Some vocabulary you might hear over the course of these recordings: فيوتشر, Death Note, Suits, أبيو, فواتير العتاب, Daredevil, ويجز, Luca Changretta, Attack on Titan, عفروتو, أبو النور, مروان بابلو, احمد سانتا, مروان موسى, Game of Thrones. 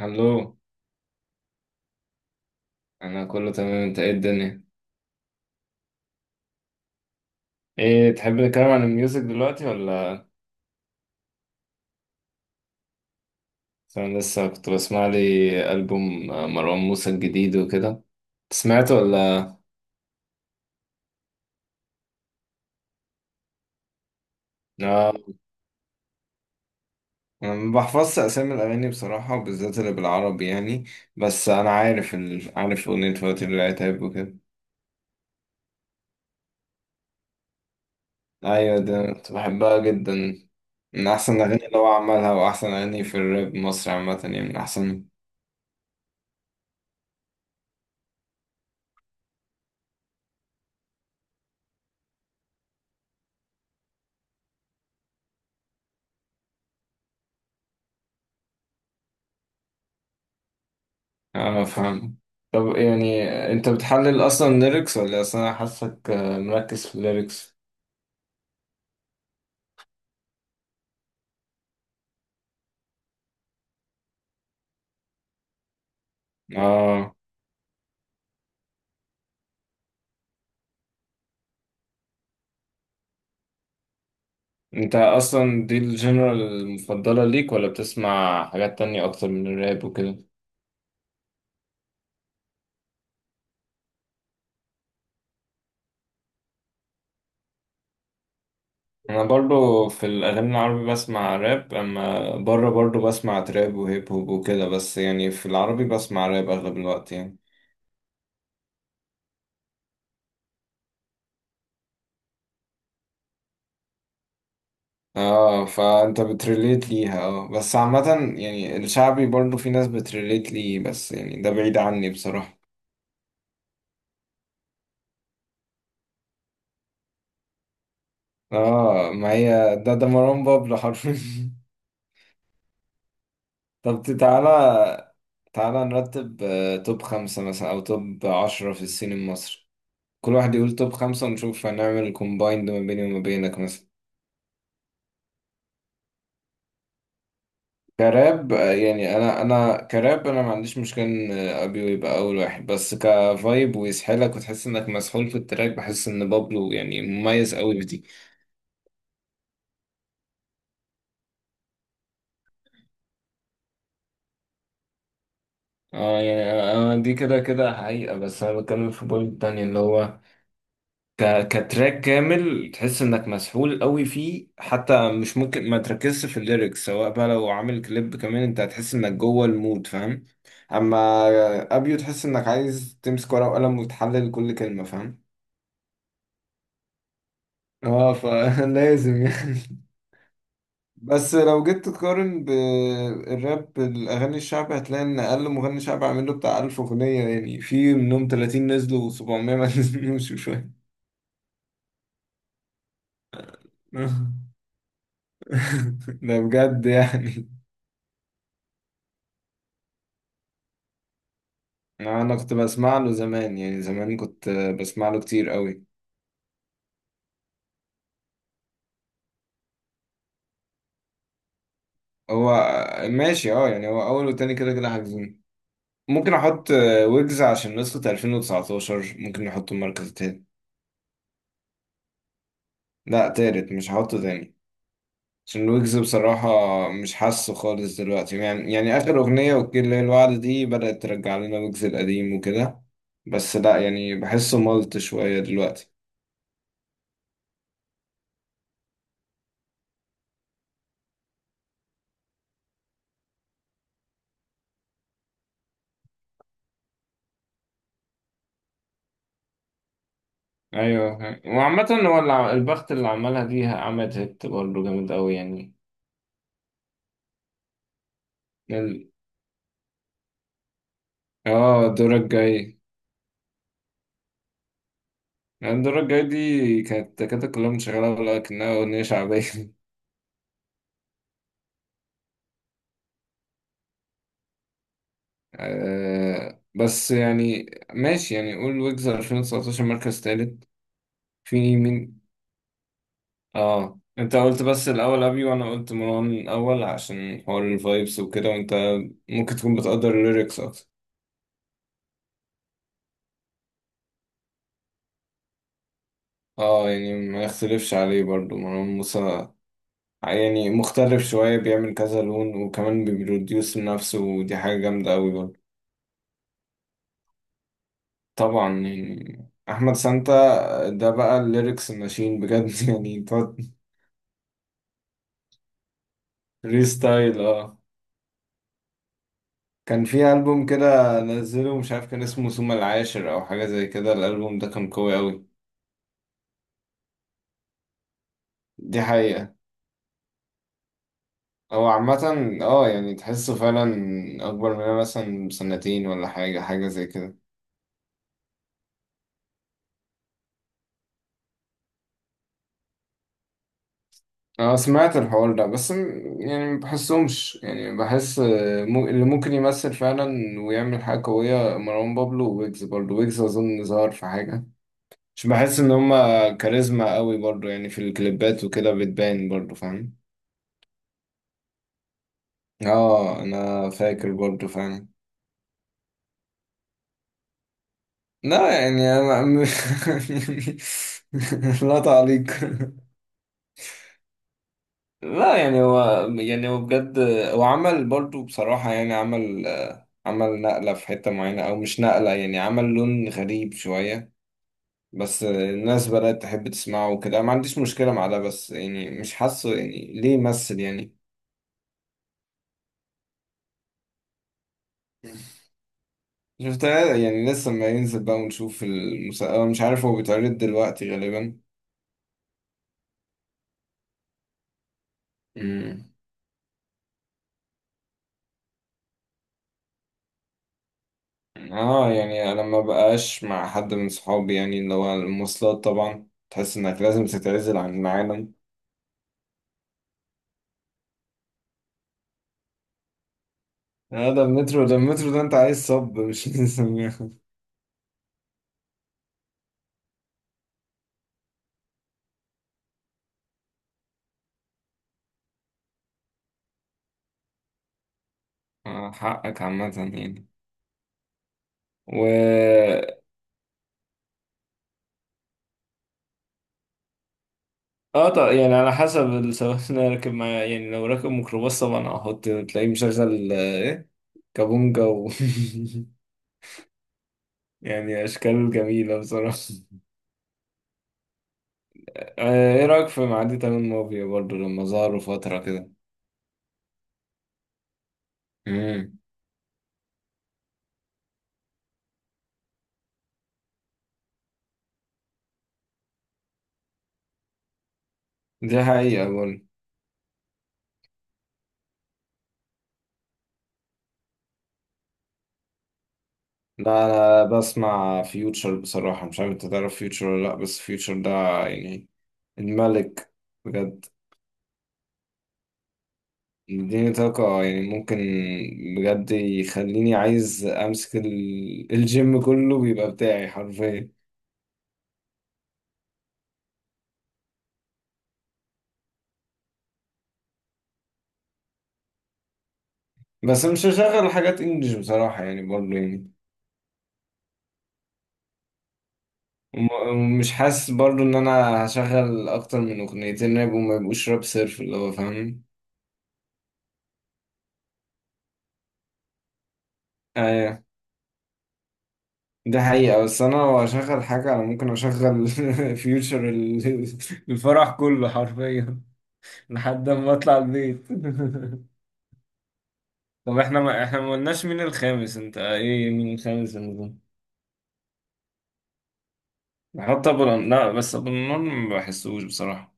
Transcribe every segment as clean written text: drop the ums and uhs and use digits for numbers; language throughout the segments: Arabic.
الو. انا كله تمام، انت ايه الدنيا؟ ايه تحب نتكلم عن الميوزك دلوقتي ولا؟ عشان انا لسه كنت بسمع لي البوم مروان موسى الجديد وكده. سمعته ولا؟ اه، انا ما بحفظش اسامي الاغاني بصراحه، بالذات اللي بالعربي يعني. بس انا عارف عارف اغنيه فواتير العتاب وكده. ايوه ده كنت بحبها جدا، من احسن الاغاني اللي هو عملها، واحسن اغاني في الراب مصر عامه يعني، من احسن. اه فاهم. طب يعني انت بتحلل اصلا ليركس، ولا اصلا انا حاسك مركز في الليركس؟ اه، انت اصلا دي الجنرال المفضلة ليك ولا بتسمع حاجات تانية اكتر من الراب وكده؟ انا برضو في الاغاني العربي بسمع راب، اما بره برضو بسمع تراب وهيب هوب وكده، بس يعني في العربي بسمع راب اغلب الوقت يعني. اه فانت بتريليت ليها، اه بس عامة يعني الشعبي برضو في ناس بتريليت ليه، بس يعني ده بعيد عني بصراحة. اه ما هي ده مروان بابلو حرفيا. طب تعالى، تعالى نرتب توب خمسة مثلا أو توب عشرة في السين المصري. كل واحد يقول توب خمسة ونشوف هنعمل كومبايند ما بيني وما بينك مثلا. كراب، يعني أنا كراب، أنا ما عنديش مشكلة إن أبيو يبقى أول واحد، بس كفايب ويسحلك وتحس إنك مسحول في التراك. بحس إن بابلو يعني مميز أوي بدي. اه يعني، أنا دي كده كده حقيقة، بس أنا بتكلم في بوينت تانية اللي هو كتراك كامل تحس انك مسحول قوي فيه، حتى مش ممكن ما تركزش في الليركس، سواء بقى لو عامل كليب كمان انت هتحس انك جوه المود فاهم. اما ابيو تحس انك عايز تمسك ورقة وقلم وتحلل كل كلمة فاهم. اه فلازم يعني. بس لو جيت تقارن بالراب، الأغاني الشعبي هتلاقي إن أقل مغني شعبي عامل له بتاع ألف أغنية يعني، في منهم تلاتين نزلوا وسبعمية ما نزلوش وشوية ده بجد يعني. انا كنت بسمع له زمان، يعني زمان كنت بسمع له كتير قوي. هو ماشي، اه يعني هو اول وتاني كده كده حاجزين. ممكن احط ويجز عشان نسخة 2019، ممكن نحطه المركز التاني. لا تالت، مش هحطه تاني عشان ويجز بصراحة مش حاسه خالص دلوقتي يعني. يعني آخر أغنية وكيل الليل الوعد دي بدأت ترجع لنا ويجز القديم وكده، بس لا يعني بحسه ملط شوية دلوقتي. ايوه، وعامة هو البخت اللي عملها دي عملت هيت برضه جامد قوي يعني. ال- اه الدورة الجاية، يعني الدورة الجاية دي كانت كلها مشغلة ولا كأنها أغنية شعبية؟ آه بس يعني ماشي، يعني قول ويجز 2019 مركز تالت. في مين؟ اه انت قلت بس الأول أبي، وأنا قلت مروان الأول عشان حوار الفايبس وكده، وانت ممكن تكون بتقدر الليركس أكتر. اه يعني ما يختلفش عليه برضو مروان موسى، يعني مختلف شوية، بيعمل كذا لون وكمان بيبروديوس نفسه، ودي حاجة جامدة أوي برضو. طبعا يعني احمد سانتا ده بقى الليركس ماشين بجد يعني تقعد ريستايل اه. كان في البوم كده نزله، مش عارف كان اسمه ثم العاشر او حاجه زي كده، الالبوم ده كان قوي قوي. دي حقيقه. هو عامه، اه يعني تحسه فعلا اكبر مننا مثلا بسنتين ولا حاجه، حاجه زي كده. اه سمعت الحوار ده، بس يعني ما بحسهمش، يعني بحس اللي ممكن يمثل فعلا ويعمل حاجه قويه مروان بابلو وويجز برضه. ويجز اظن ظهر في حاجه. مش بحس ان هما كاريزما قوي برضو يعني، في الكليبات وكده بتبان برضو فاهم. اه انا فاكر برضو فعلا. لا يعني انا لا تعليق. لا يعني هو، يعني هو بجد هو عمل برضو بصراحة، يعني عمل عمل نقلة في حتة معينة، او مش نقلة يعني عمل لون غريب شوية. بس الناس بدأت تحب تسمعه وكده، ما عنديش مشكلة مع ده، بس يعني مش حاسه يعني ليه يمثل يعني. شفتها يعني، لسه ما ينزل بقى ونشوف المسلسل، مش عارف هو بيتعرض دلوقتي غالبا. امم. اه يعني انا ما بقاش مع حد من صحابي، يعني اللي هو المواصلات طبعا تحس انك لازم تتعزل عن العالم. اه ده المترو، ده المترو ده انت عايز صب مش لازم. حقك عامة يعني. و اه، طب يعني على حسب السواق اللي أنا راكب معاه يعني، لو راكب ميكروباص طبعا هحط تلاقيه مشغل ايه، كابونجا و يعني اشكال جميلة بصراحة. ايه رأيك في معدي تمام موفي برضه لما ظهروا فترة كده؟ امم. دي حقيقة برضه. لا انا بسمع فيوتشر بصراحة، مش عارف انت تعرف فيوتشر ولا لا، بس فيوتشر ده يعني الملك بجد. مديني طاقة يعني، ممكن بجد يخليني عايز امسك الجيم كله بيبقى بتاعي حرفيا. بس مش هشغل حاجات انجلش بصراحة يعني برضه يعني. ومش حاسس برضه ان انا هشغل اكتر من اغنيتين راب، وما يبقوش راب صرف اللي هو فاهم. ايوه ده حقيقة، بس انا لو اشغل حاجة انا ممكن اشغل فيوتشر الفرح كله حرفيا لحد ما اطلع البيت. طب احنا ما قلناش مين الخامس؟ انت ايه مين الخامس الموضوع؟ نحط لا بس ابو النور ما بحسوش بصراحة،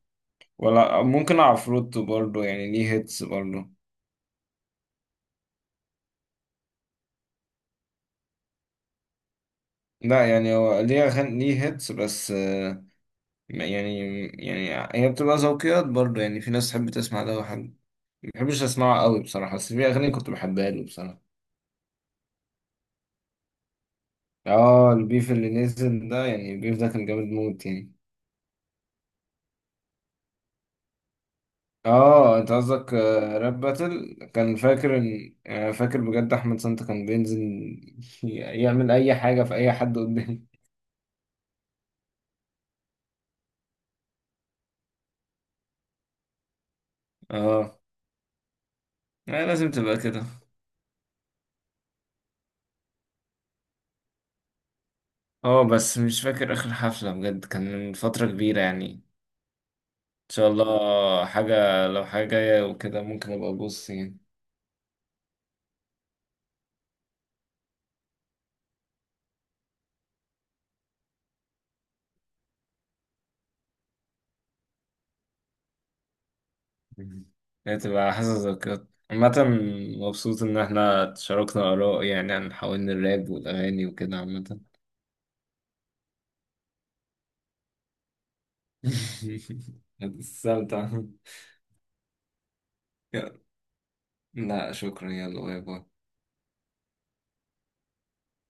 ولا ممكن عفروتو برضه يعني ليه هيتس برضه. لا يعني هو ليه أغاني ليه هيتس بس يعني، يعني هي بتبقى ذوقيات برضه، يعني في ناس تحب تسمع ده، وحد ما بحبش اسمعه قوي بصراحة، بس في اغاني كنت بحبها له بصراحة. اه البيف اللي نزل ده، يعني البيف ده كان جامد موت يعني. اه انت قصدك راب باتل، كان فاكر ان فاكر بجد احمد سانتا كان بينزل يعمل اي حاجة في اي حد قدامي. اه. لازم تبقى كده. اه بس مش فاكر اخر حفلة بجد، كان من فترة كبيرة يعني. ان شاء الله حاجة، لو حاجة جاية وكده ممكن ابقى ابص يعني. مم. هي تبقى حاسة ذكريات عامة. مبسوط ان احنا تشاركنا اراء يعني، عن حوالين الراب والاغاني وكده عامة. استمتع. لا شكرا، يلا باي باي.